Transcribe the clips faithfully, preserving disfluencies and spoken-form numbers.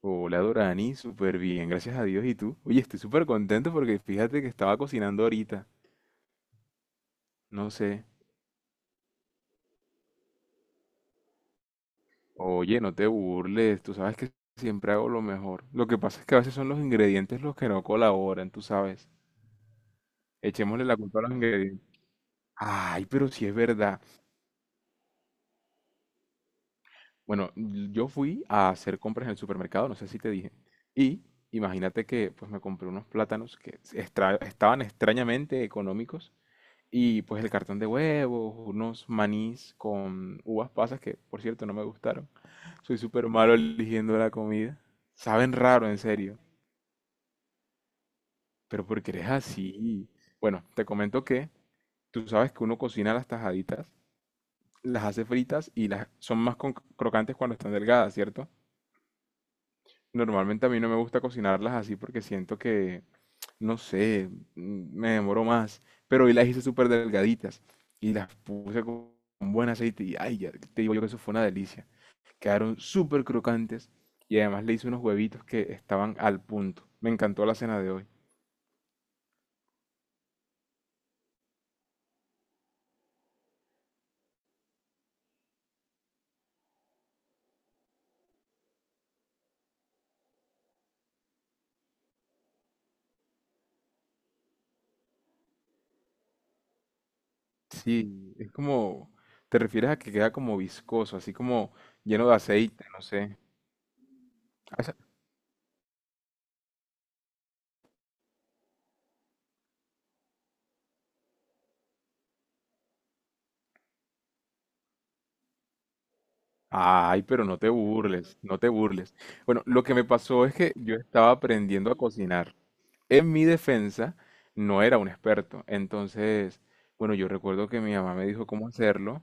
Hola Dorani, súper bien, gracias a Dios. ¿Y tú? Oye, estoy súper contento porque fíjate que estaba cocinando ahorita. No sé. Oye, no te burles, tú sabes que siempre hago lo mejor. Lo que pasa es que a veces son los ingredientes los que no colaboran, tú sabes. Echémosle la culpa a los ingredientes. Ay, pero sí es verdad. Bueno, l- yo fui a hacer compras en el supermercado, no sé si te dije. Y imagínate que pues me compré unos plátanos que extra- estaban extrañamente económicos. Y pues el cartón de huevos, unos manís con uvas pasas que, por cierto, no me gustaron. Soy súper malo eligiendo la comida. Saben raro, en serio. Pero porque eres así. Bueno, te comento que tú sabes que uno cocina las tajaditas, las hace fritas y las son más con- crocantes cuando están delgadas, ¿cierto? Normalmente a mí no me gusta cocinarlas así porque siento que no sé, mm, me demoró más, pero hoy las hice súper delgaditas y las puse con con buen aceite y ay, ya te digo yo que eso fue una delicia. Quedaron súper crocantes y además le hice unos huevitos que estaban al punto. Me encantó la cena de hoy. Sí, es como, te refieres a que queda como viscoso, así como lleno de aceite, no sé. O sea, ay, pero no te burles, no te burles. Bueno, lo que me pasó es que yo estaba aprendiendo a cocinar. En mi defensa, no era un experto. Entonces, bueno, yo recuerdo que mi mamá me dijo cómo hacerlo,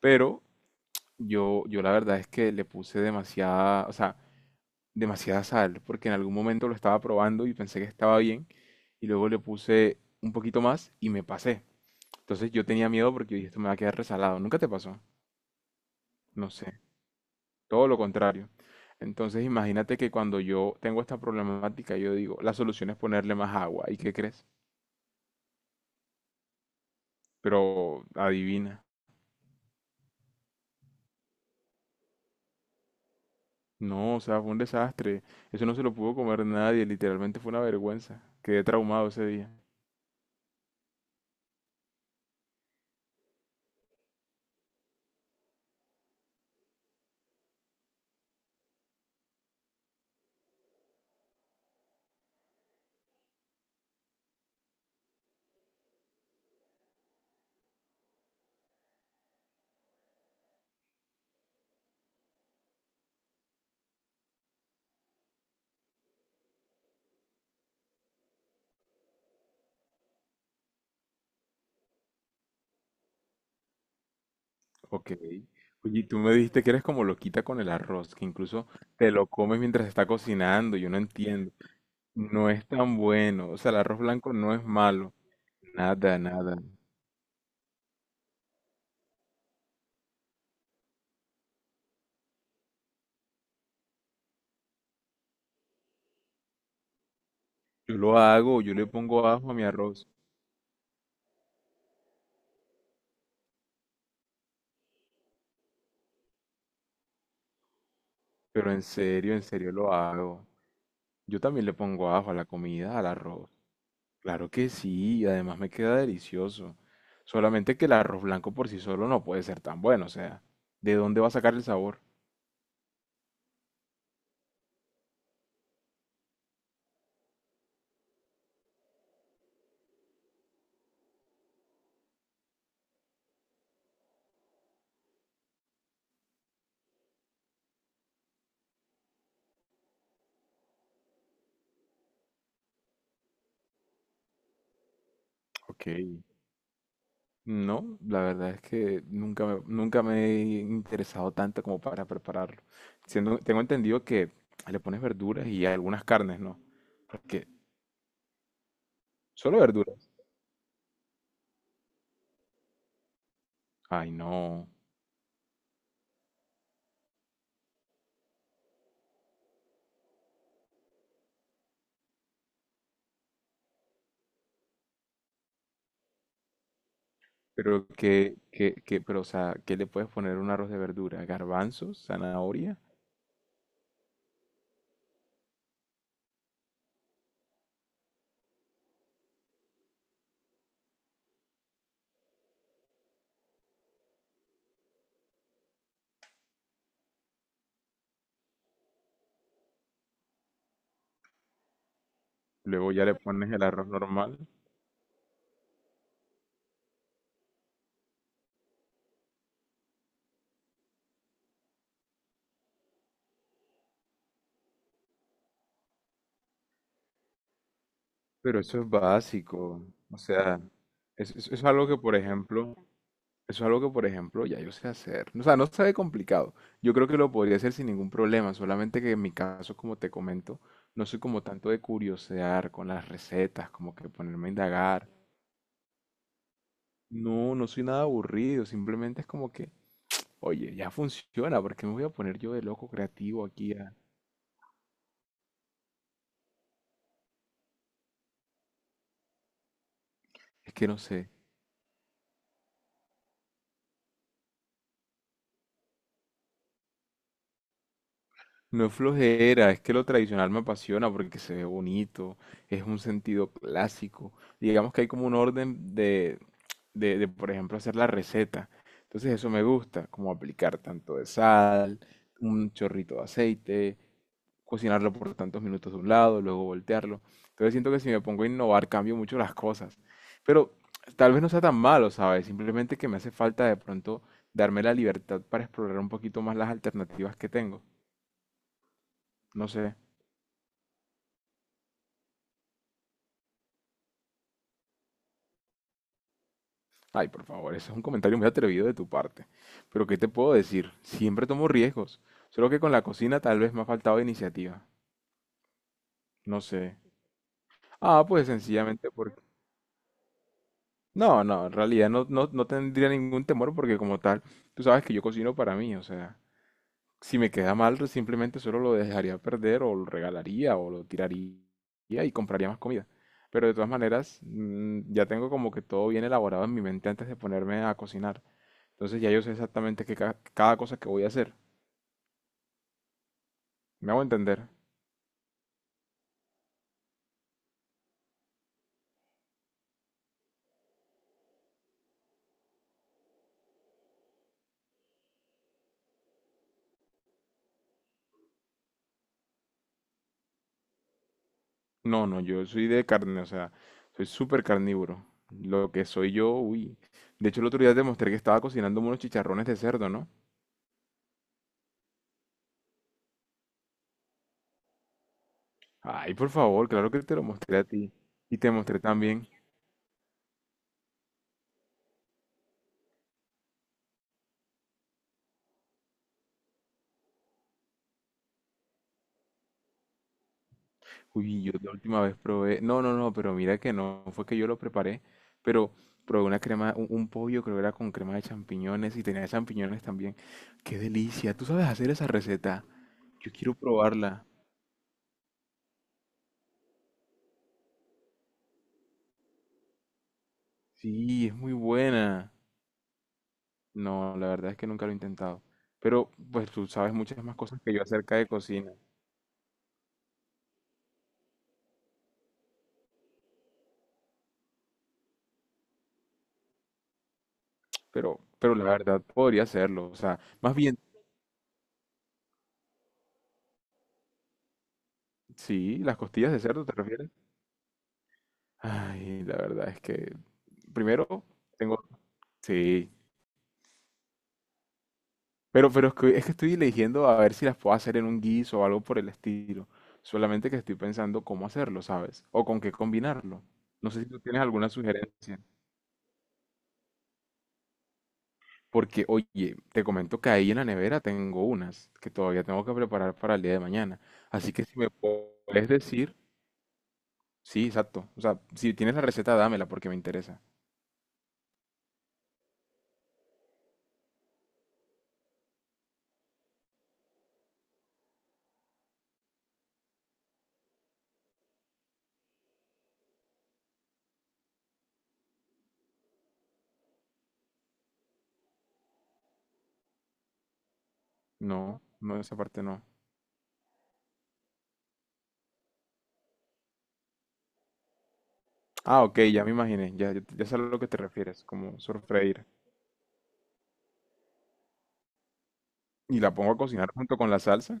pero yo, yo la verdad es que le puse demasiada, o sea, demasiada sal, porque en algún momento lo estaba probando y pensé que estaba bien, y luego le puse un poquito más y me pasé. Entonces yo tenía miedo porque yo dije, esto me va a quedar resalado. ¿Nunca te pasó? No sé, todo lo contrario. Entonces imagínate que cuando yo tengo esta problemática, yo digo, la solución es ponerle más agua. ¿Y qué crees? Pero adivina. No, o sea, fue un desastre. Eso no se lo pudo comer nadie, literalmente fue una vergüenza. Quedé traumado ese día. Ok. Oye, y tú me dijiste que eres como loquita con el arroz, que incluso te lo comes mientras está cocinando, yo no entiendo. No es tan bueno, o sea, el arroz blanco no es malo. Nada, nada. Yo lo hago, yo le pongo ajo a mi arroz, pero en serio, en serio lo hago. Yo también le pongo ajo a la comida, al arroz. Claro que sí, y además me queda delicioso. Solamente que el arroz blanco por sí solo no puede ser tan bueno, o sea, ¿de dónde va a sacar el sabor? Ok, no, la verdad es que nunca me, nunca me he interesado tanto como para prepararlo. Siendo- tengo entendido que le pones verduras y algunas carnes, ¿no? Porque solo verduras. Ay, no. Pero que, que, que, pero o sea, ¿qué le puedes poner a un arroz de verdura? Garbanzos, zanahoria, luego ya le pones el arroz normal. Pero eso es básico. O sea, es, es- eso es algo que, por ejemplo, eso es algo que, por ejemplo, ya yo sé hacer. O sea, no se ve complicado. Yo creo que lo podría hacer sin ningún problema. Solamente que en mi caso, como te comento, no soy como tanto de curiosear con las recetas, como que ponerme a indagar. No, no soy nada aburrido. Simplemente es como que, oye, ya funciona. ¿Por qué me voy a poner yo de loco creativo aquí a... Es que no sé. No es flojera, es que lo tradicional me apasiona porque se ve bonito, es un sentido clásico. Digamos que hay como un orden de, de, de, por ejemplo, hacer la receta. Entonces eso me gusta, como aplicar tanto de sal, un chorrito de aceite, cocinarlo por tantos minutos de un lado, luego voltearlo. Entonces siento que si me pongo a innovar cambio mucho las cosas. Pero tal vez no sea tan malo, ¿sabes? Simplemente que me hace falta de pronto darme la libertad para explorar un poquito más las alternativas que tengo. No sé. Ay, por favor, ese es un comentario muy atrevido de tu parte. Pero ¿qué te puedo decir? Siempre tomo riesgos. Solo que con la cocina tal vez me ha faltado iniciativa. No sé. Ah, pues sencillamente porque... No, no, en realidad no, no, no tendría ningún temor porque como tal, tú sabes que yo cocino para mí. O sea, si me queda mal, simplemente solo lo dejaría perder o lo regalaría o lo tiraría y compraría más comida. Pero de todas maneras, mm, ya tengo como que todo bien elaborado en mi mente antes de ponerme a cocinar. Entonces ya yo sé exactamente qué ca- cada cosa que voy a hacer. ¿Me hago entender? No, no, yo soy de carne, o sea, soy súper carnívoro. Lo que soy yo, uy. De hecho, el otro día te mostré que estaba cocinando unos chicharrones de cerdo, ¿no? Ay, por favor, claro que te lo mostré a ti. Y te mostré también. Uy, yo la última vez probé. No, no, no, pero mira que no fue que yo lo preparé, pero probé una crema, un, un pollo, creo que era con crema de champiñones y tenía champiñones también. ¡Qué delicia! ¿Tú sabes hacer esa receta? Yo quiero probarla. Sí, es muy buena. No, la verdad es que nunca lo he intentado. Pero pues tú sabes muchas más cosas que yo acerca de cocina. Pero, pero la verdad podría hacerlo. O sea, más bien, sí, las costillas de cerdo, ¿te refieres? Ay, la verdad es que primero tengo, sí. Pero, pero es que, es que estoy eligiendo a ver si las puedo hacer en un guiso o algo por el estilo. Solamente que estoy pensando cómo hacerlo, ¿sabes? O con qué combinarlo. No sé si tú tienes alguna sugerencia. Porque, oye, te comento que ahí en la nevera tengo unas que todavía tengo que preparar para el día de mañana. Así que si me puedes decir, sí, exacto. O sea, si tienes la receta, dámela porque me interesa. No, no, esa parte no. Ah, ok, ya me imaginé. Ya, ya, ya sé a lo que te refieres, como sofreír. Y la pongo a cocinar junto con la salsa.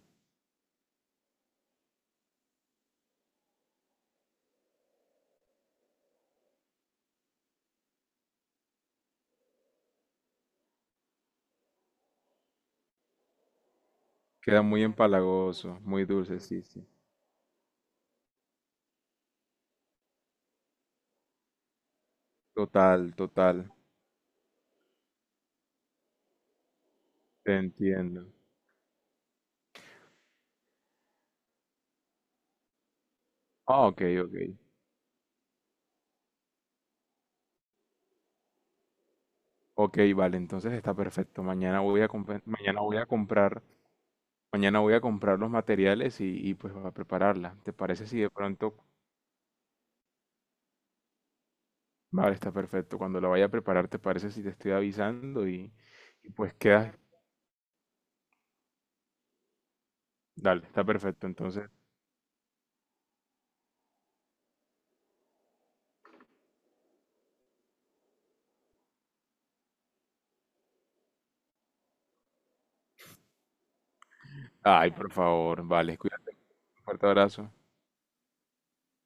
Queda muy empalagoso, muy dulce, sí, sí. Total, total. Te entiendo. Ah, ok, ok. Ok, vale, entonces está perfecto. Mañana voy a comprar, mañana voy a comprar mañana voy a comprar los materiales y, y, pues a prepararla. ¿Te parece si de pronto... Vale, está perfecto. Cuando la vaya a preparar, ¿te parece si te estoy avisando? Y, y pues quedas... Dale, está perfecto. Entonces... Ay, por favor. Vale, cuídate. Un fuerte abrazo.